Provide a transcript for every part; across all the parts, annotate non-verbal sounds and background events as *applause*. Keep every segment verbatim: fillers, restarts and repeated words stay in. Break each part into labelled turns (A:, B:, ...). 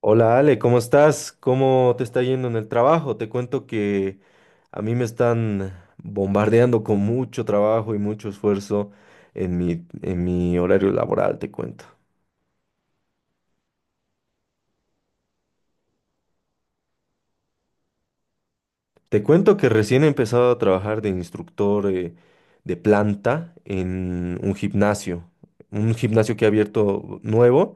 A: Hola Ale, ¿cómo estás? ¿Cómo te está yendo en el trabajo? Te cuento que a mí me están bombardeando con mucho trabajo y mucho esfuerzo en mi, en mi horario laboral, te cuento. Te cuento que recién he empezado a trabajar de instructor eh, de planta en un gimnasio, un gimnasio que ha abierto nuevo.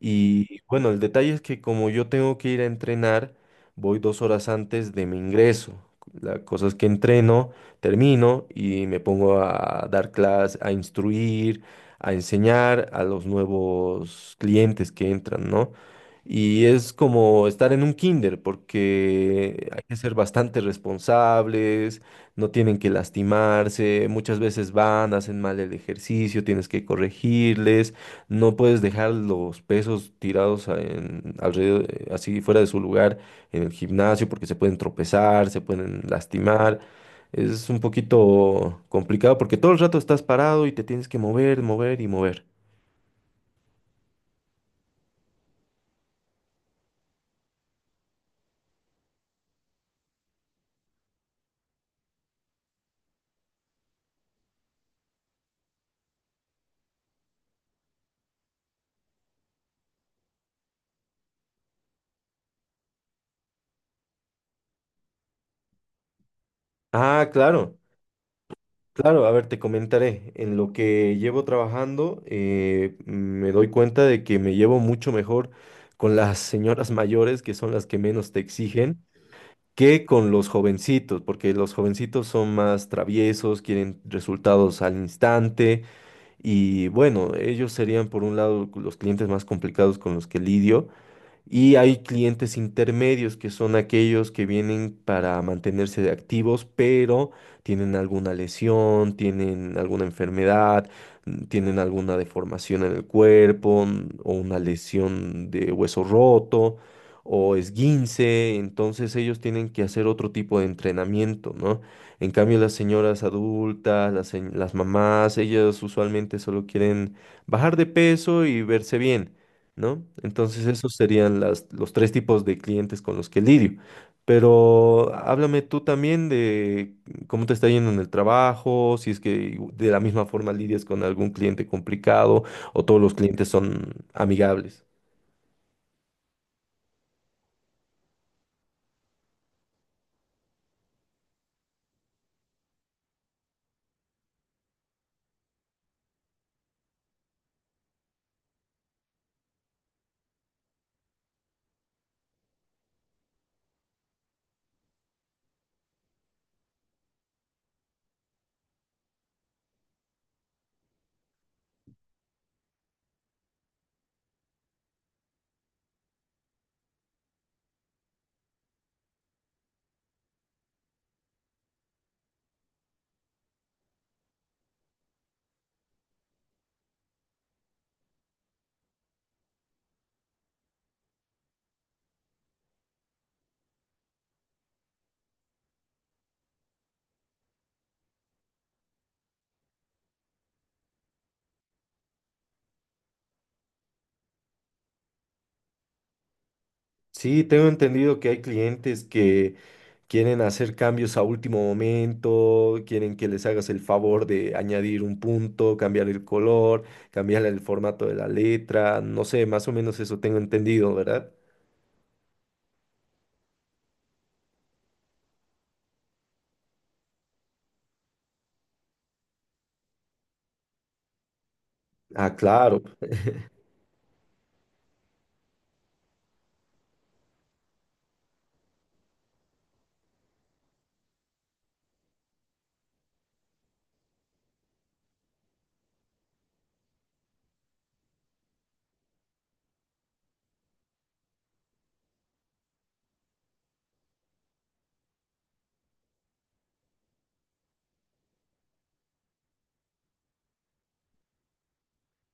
A: Y bueno, el detalle es que como yo tengo que ir a entrenar, voy dos horas antes de mi ingreso. La cosa es que entreno, termino y me pongo a dar clases, a instruir, a enseñar a los nuevos clientes que entran, ¿no? Y es como estar en un kinder porque hay que ser bastante responsables, no tienen que lastimarse, muchas veces van, hacen mal el ejercicio, tienes que corregirles. No puedes dejar los pesos tirados a- en- alrededor, eh, así fuera de su lugar en el gimnasio porque se pueden tropezar, se pueden lastimar. Es un poquito complicado porque todo el rato estás parado y te tienes que mover, mover y mover. Ah, claro, claro. A ver, te comentaré. En lo que llevo trabajando, eh, me doy cuenta de que me llevo mucho mejor con las señoras mayores, que son las que menos te exigen, que con los jovencitos, porque los jovencitos son más traviesos, quieren resultados al instante y bueno, ellos serían por un lado los clientes más complicados con los que lidio. Y hay clientes intermedios que son aquellos que vienen para mantenerse activos, pero tienen alguna lesión, tienen alguna enfermedad, mm, tienen alguna deformación en el cuerpo mm, o una lesión de hueso roto o esguince. Entonces ellos tienen que hacer otro tipo de entrenamiento, ¿no? En cambio, las señoras adultas, las, se- las mamás, ellas usualmente solo quieren bajar de peso y verse bien, ¿no? Entonces esos serían las, los tres tipos de clientes con los que lidio. Pero háblame tú también de cómo te está yendo en el trabajo, si es que de la misma forma lidias con algún cliente complicado o todos los clientes son amigables. Sí, tengo entendido que hay clientes que quieren hacer cambios a último momento, quieren que les hagas el favor de añadir un punto, cambiar el color, cambiar el formato de la letra, no sé, más o menos eso tengo entendido, ¿verdad? Ah, claro.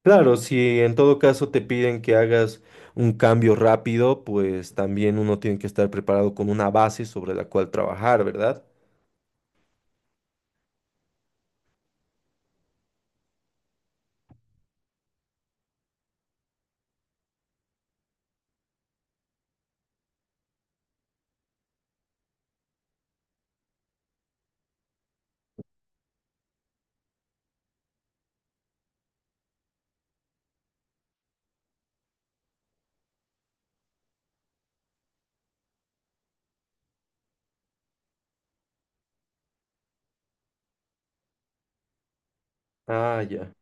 A: Claro, si en todo caso te piden que hagas un cambio rápido, pues también uno tiene que estar preparado con una base sobre la cual trabajar, ¿verdad? Ah, ya.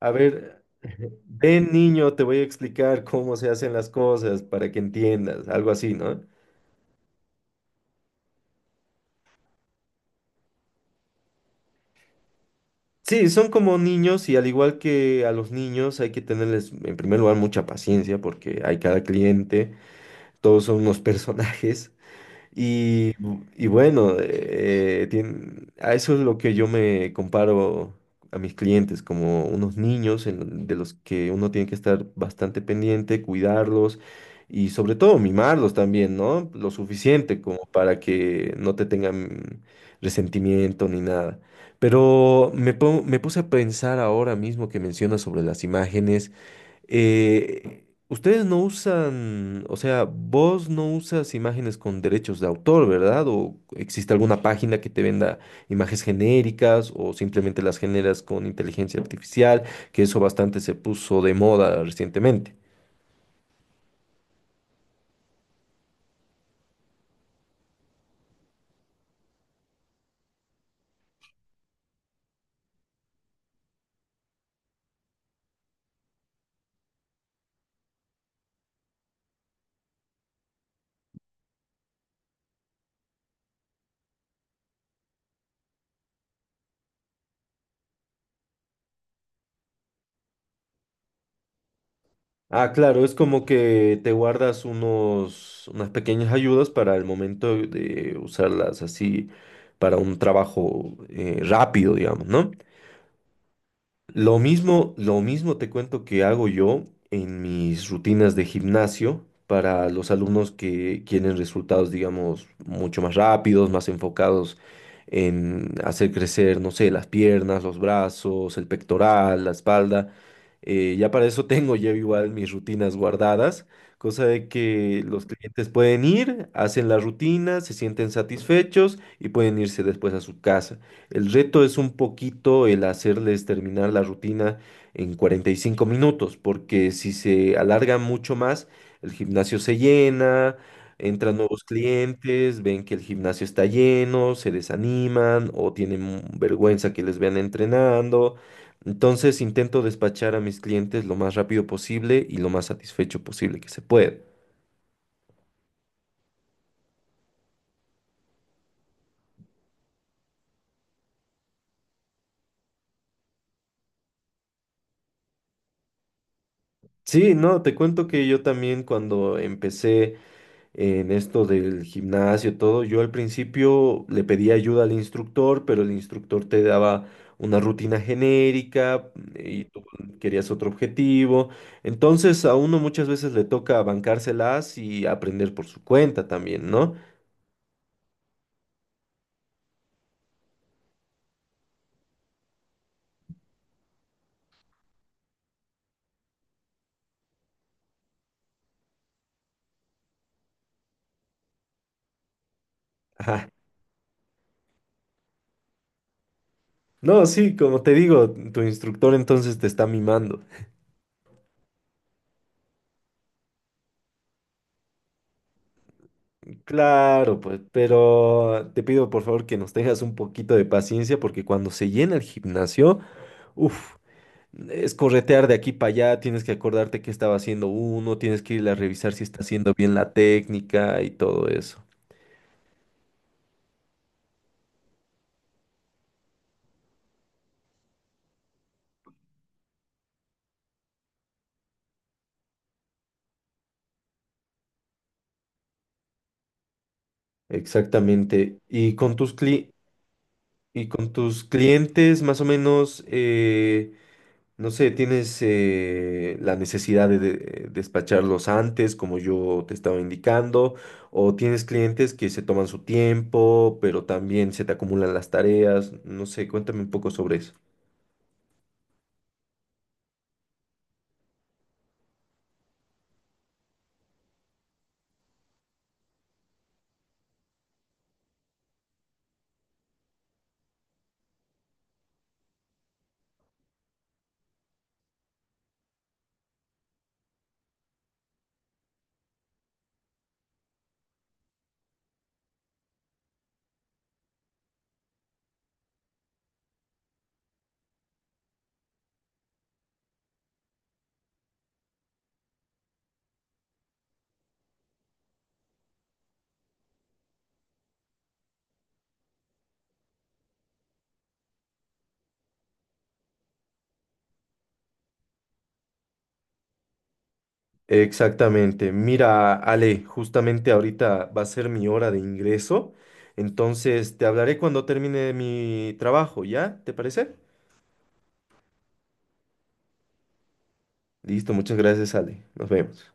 A: A ver, *laughs* ven niño, te voy a explicar cómo se hacen las cosas para que entiendas, algo así, ¿no? Sí, son como niños y al igual que a los niños hay que tenerles en primer lugar mucha paciencia porque hay cada cliente, todos son unos *laughs* personajes. Y, y bueno, eh, tien- a eso es lo que yo me comparo a mis clientes, como unos niños en- de los que uno tiene que estar bastante pendiente, cuidarlos y sobre todo mimarlos también, ¿no? Lo suficiente como para que no te tengan resentimiento ni nada. Pero me, pon- me puse a pensar ahora mismo que mencionas sobre las imágenes. Eh, ustedes no usan, o sea, vos no usas imágenes con derechos de autor, ¿verdad? ¿O existe alguna página que te venda imágenes genéricas o simplemente las generas con inteligencia artificial? Que eso bastante se puso de moda recientemente. Ah, claro, es como que te guardas unos, unas pequeñas ayudas para el momento de usarlas así para un trabajo eh, rápido, digamos, ¿no? Lo mismo, lo mismo te cuento que hago yo en mis rutinas de gimnasio para los alumnos que quieren resultados, digamos, mucho más rápidos, más enfocados en hacer crecer, no sé, las piernas, los brazos, el pectoral, la espalda. Eh, ya para eso *laughs* tengo yo igual mis rutinas guardadas, cosa de que los clientes pueden ir, hacen la rutina, se sienten satisfechos y pueden irse después a su casa. El reto es un poquito el hacerles terminar la rutina en cuarenta y cinco minutos, porque si se alarga mucho más, el gimnasio se llena, entran nuevos clientes, ven que el gimnasio está lleno, se desaniman o tienen vergüenza que les vean entrenando. Entonces intento despachar a mis clientes lo más rápido posible y lo más satisfecho posible que se pueda. Sí, no, te cuento que yo también cuando empecé en esto del gimnasio, todo, yo al principio le pedí ayuda al instructor, pero el instructor te daba una rutina genérica, mm, y tú querías otro objetivo. Entonces a uno muchas veces le toca bancárselas y aprender por su cuenta también, ¿no? Ajá. No, sí, como te digo, tu instructor entonces te está mimando. Claro, pues, pero te pido por favor que nos tengas un poquito de paciencia porque cuando se llena el gimnasio, uff. Es corretear de aquí para allá, tienes que acordarte qué estaba haciendo uno, tienes que ir a revisar si está haciendo bien la técnica y todo eso. Exactamente. Y con tus cli- y con tus clientes, más o menos, eh, no sé, tienes eh, la necesidad de, de- despacharlos antes, como yo te estaba indicando, o tienes clientes que se toman su tiempo, pero también se te acumulan las tareas. No sé, cuéntame un poco sobre eso. Exactamente. Mira, Ale, justamente ahorita va a ser mi hora de ingreso, entonces te hablaré cuando termine mi trabajo, ¿ya? ¿Te parece? Listo, muchas gracias, Ale. Nos vemos.